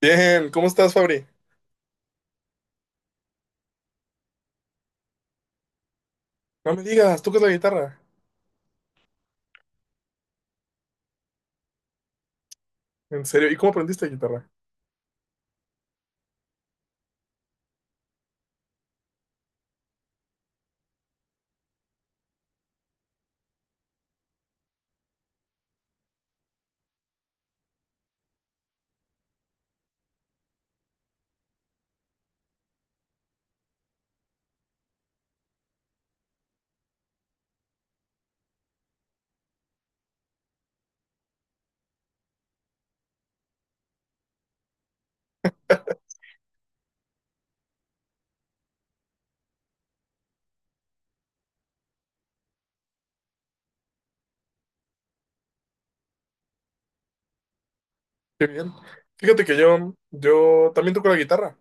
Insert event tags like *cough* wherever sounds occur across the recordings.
Bien, ¿cómo estás, Fabri? No me digas, ¿tú tocas la guitarra? ¿En serio? ¿Y cómo aprendiste guitarra? Qué bien. Fíjate que yo también toco la guitarra.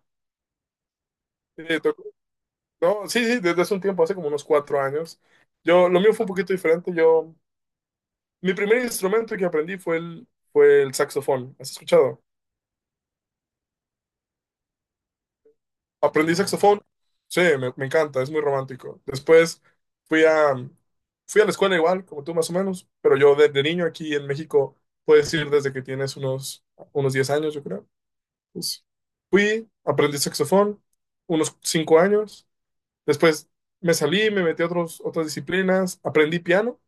Eh, toco- no, sí, sí, desde hace un tiempo, hace como unos 4 años. Yo, lo mío fue un poquito diferente. Yo, mi primer instrumento que aprendí fue el saxofón. ¿Has escuchado? Aprendí saxofón. Sí, me encanta, es muy romántico. Después fui a, fui a la escuela igual, como tú más o menos, pero yo desde niño aquí en México, puedes ir desde que tienes unos 10 años, yo creo. Pues, aprendí saxofón unos 5 años. Después me salí, me metí a otras disciplinas. Aprendí piano,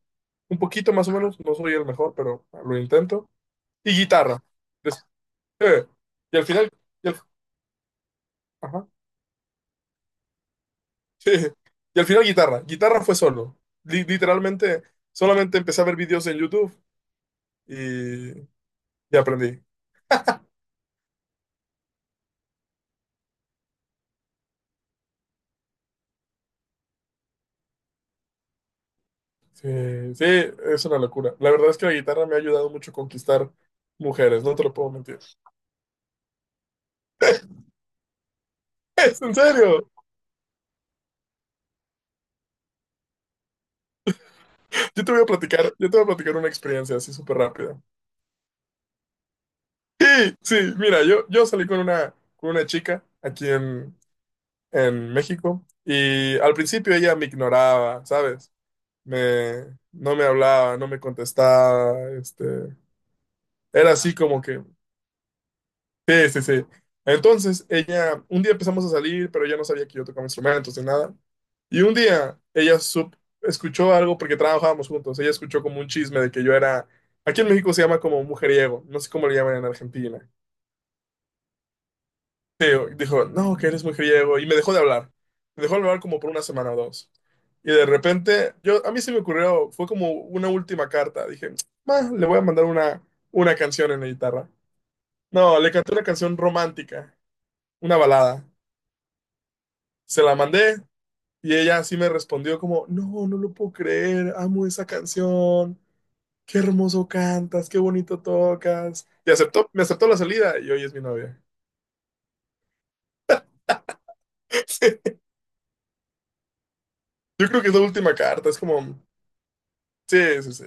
un poquito más o menos. No soy el mejor, pero lo intento. Y guitarra. Des- eh, y al final, y al, ajá, *laughs* sí. Y al final guitarra. Guitarra fue solo. Literalmente, solamente empecé a ver videos en YouTube y, y aprendí. Sí, sí, es una locura. La verdad es que la guitarra me ha ayudado mucho a conquistar mujeres, no te lo puedo mentir. *laughs* ¡Es en serio! Yo te voy a platicar, una experiencia así súper rápida. Sí, sí, mira, yo salí con una chica aquí en México y al principio ella me ignoraba, ¿sabes? No me hablaba, no me contestaba, este, era así como que, sí, sí, sí. Entonces ella, un día empezamos a salir, pero ella no sabía que yo tocaba instrumentos ni nada. Y un día ella escuchó algo porque trabajábamos juntos. Ella escuchó como un chisme de que yo era, aquí en México se llama como mujeriego, no sé cómo le llaman en Argentina. Pero dijo, no, que eres mujeriego. Y me dejó de hablar. Me dejó de hablar como por una semana o dos. Y de repente, a mí se me ocurrió, fue como una última carta. Dije, "Ah, le voy a mandar una canción en la guitarra." No, le canté una canción romántica, una balada. Se la mandé y ella así me respondió como, no, no lo puedo creer, amo esa canción. Qué hermoso cantas, qué bonito tocas. Y me aceptó la salida y hoy es mi novia. *laughs* Sí. Yo creo que es la última carta, es como, sí, sí, sí.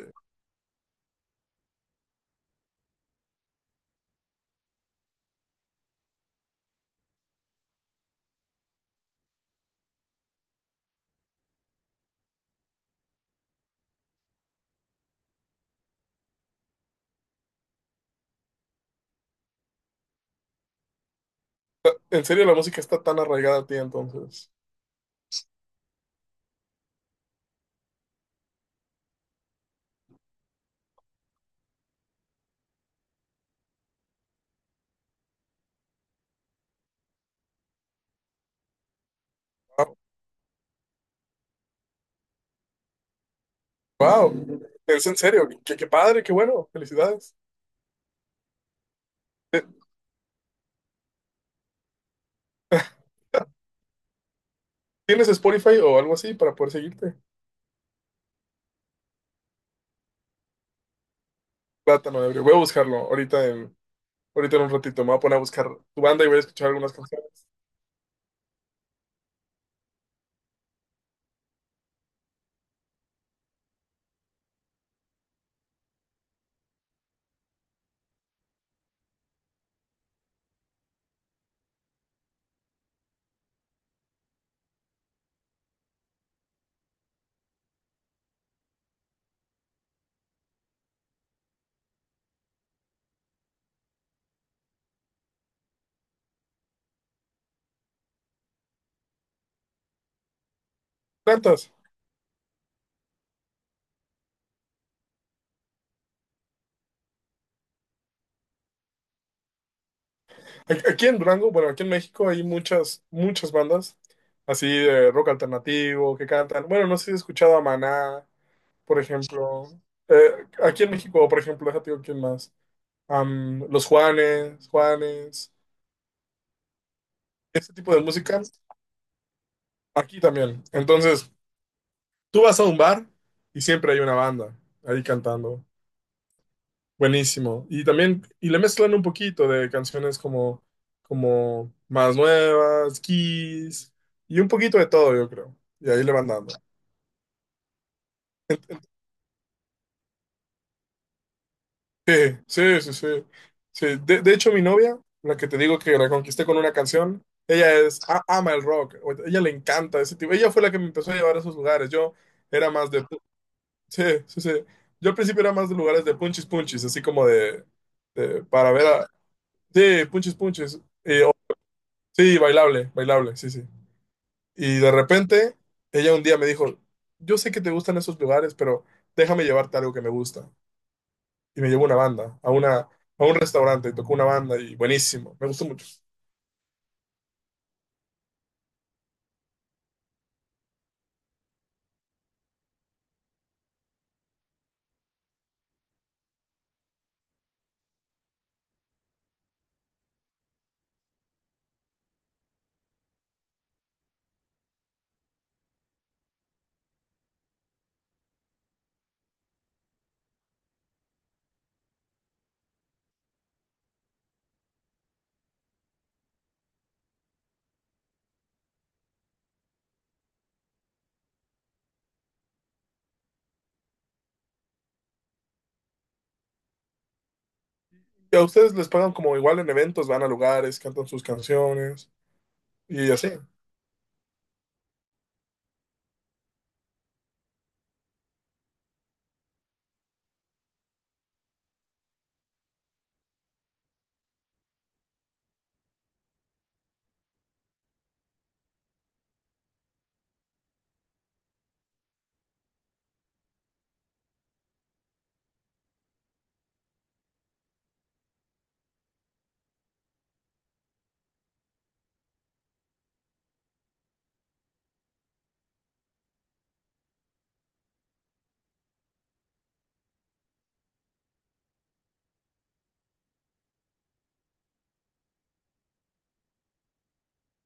En serio, la música está tan arraigada a ti entonces. Wow, wow. Es en serio, qué padre, qué bueno, felicidades. Eh, ¿Tienes Spotify o algo así para poder seguirte? Plátano ebrio, voy a buscarlo ahorita en un ratito, me voy a poner a buscar tu banda y voy a escuchar algunas canciones. ¿Tantas? Aquí en Durango, bueno, aquí en México hay muchas, muchas bandas así de rock alternativo que cantan. Bueno, no sé si has escuchado a Maná, por ejemplo. Aquí en México, por ejemplo, déjate digo quién más. Juanes, este tipo de música, aquí también. Entonces, tú vas a un bar y siempre hay una banda ahí cantando. Buenísimo. Y también, y le mezclan un poquito de canciones como más nuevas, Kiss, y un poquito de todo, yo creo. Y ahí le van dando. *laughs* Sí, sí, sí, sí. Sí, de hecho, mi novia, la que te digo que la conquisté con una canción, ama el rock, ella le encanta ese tipo. Ella fue la que me empezó a llevar a esos lugares. Yo era más de. Sí, sí, sí. Yo al principio era más de lugares de punchis punchis, así como de. Para ver a. Sí, punchis punchis. Sí, bailable, bailable, sí, sí. Y de repente, ella un día me dijo, yo sé que te gustan esos lugares, pero déjame llevarte algo que me gusta. Y me llevó una banda, a un restaurante, y tocó una banda y buenísimo, me gustó mucho. Y a ustedes les pagan como igual en eventos, van a lugares, cantan sus canciones y así,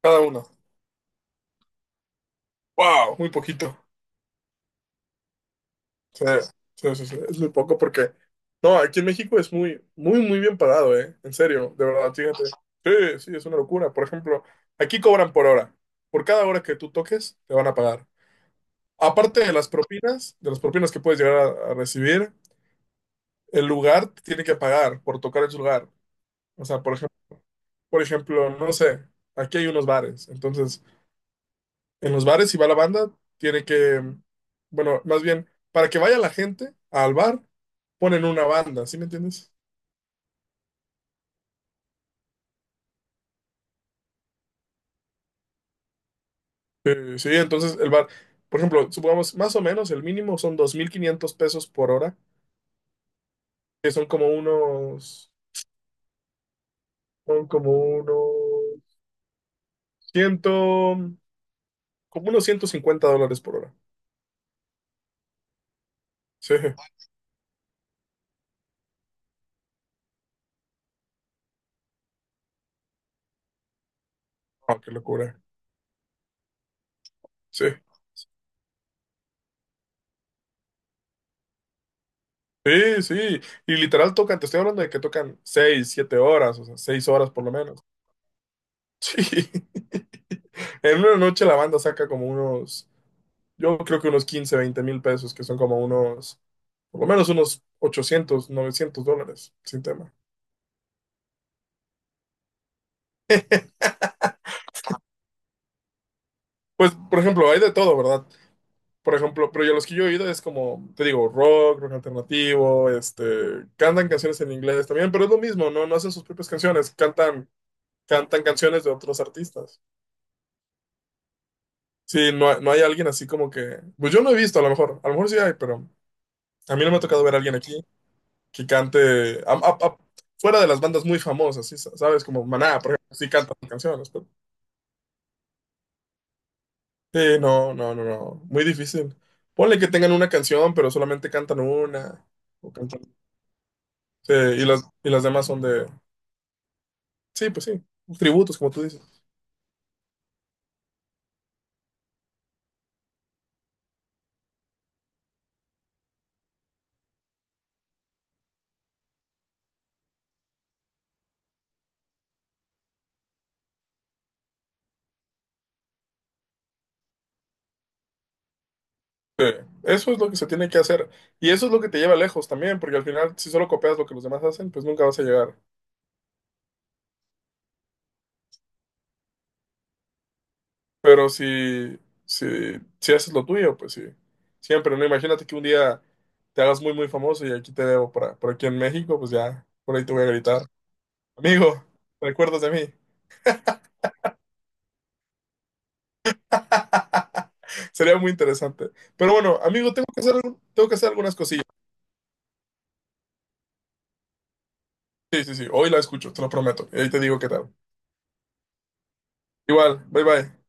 cada una. ¡Wow! Muy poquito. Sí, sí, sí, sí, es muy poco porque, no, aquí en México es muy, muy, muy bien pagado, ¿eh? En serio, de verdad, fíjate. Sí, sí, es una locura. Por ejemplo, aquí cobran por hora. Por cada hora que tú toques, te van a pagar. Aparte de las propinas, que puedes llegar a recibir, el lugar te tiene que pagar por tocar en su lugar. O sea, por ejemplo, no sé, aquí hay unos bares, entonces en los bares, si va la banda, tiene que, bueno, más bien, para que vaya la gente al bar, ponen una banda, ¿sí me entiendes? Sí, entonces el bar, por ejemplo, supongamos, más o menos el mínimo son 2,500 pesos por hora, que son como unos como unos 150 dólares por hora. Sí, ah, qué locura. Sí, sí, sí. Y literal tocan, te estoy hablando de que tocan 6-7 horas, o sea, 6 horas por lo menos. Sí. *laughs* En una noche la banda saca yo creo que unos 15-20 mil pesos, que por lo menos unos 800-900 dólares, sin tema. Pues, por ejemplo, hay de todo, ¿verdad? Por ejemplo, pero yo los que yo he oído es como, te digo, rock alternativo, este, cantan canciones en inglés también, pero es lo mismo, no, no hacen sus propias canciones, cantan canciones de otros artistas. Sí, no, no hay alguien así como que, pues yo no he visto, a lo mejor sí hay, pero a mí no me ha tocado ver a alguien aquí que cante a- a- a- fuera de las bandas muy famosas, ¿sí? ¿Sabes? Como Maná, por ejemplo, sí cantan canciones. Sí, no, no, no, no, muy difícil. Ponle que tengan una canción, pero solamente cantan una, o cantan- sí, y las demás son de, sí, pues sí, tributos, como tú dices. Sí, eso es lo que se tiene que hacer, y eso es lo que te lleva lejos también, porque al final, si solo copias lo que los demás hacen, pues nunca vas a llegar. Pero si, si haces lo tuyo, pues sí. Siempre, ¿no? Imagínate que un día te hagas muy, muy famoso y aquí te debo por aquí en México, pues ya, por ahí te voy a gritar. Amigo, ¿te acuerdas de mí? *laughs* Sería muy interesante. Pero bueno, amigo, tengo que hacer, algunas cosillas. Sí, sí, sí. Hoy la escucho, te lo prometo. Y ahí te digo qué tal. Igual, bye bye.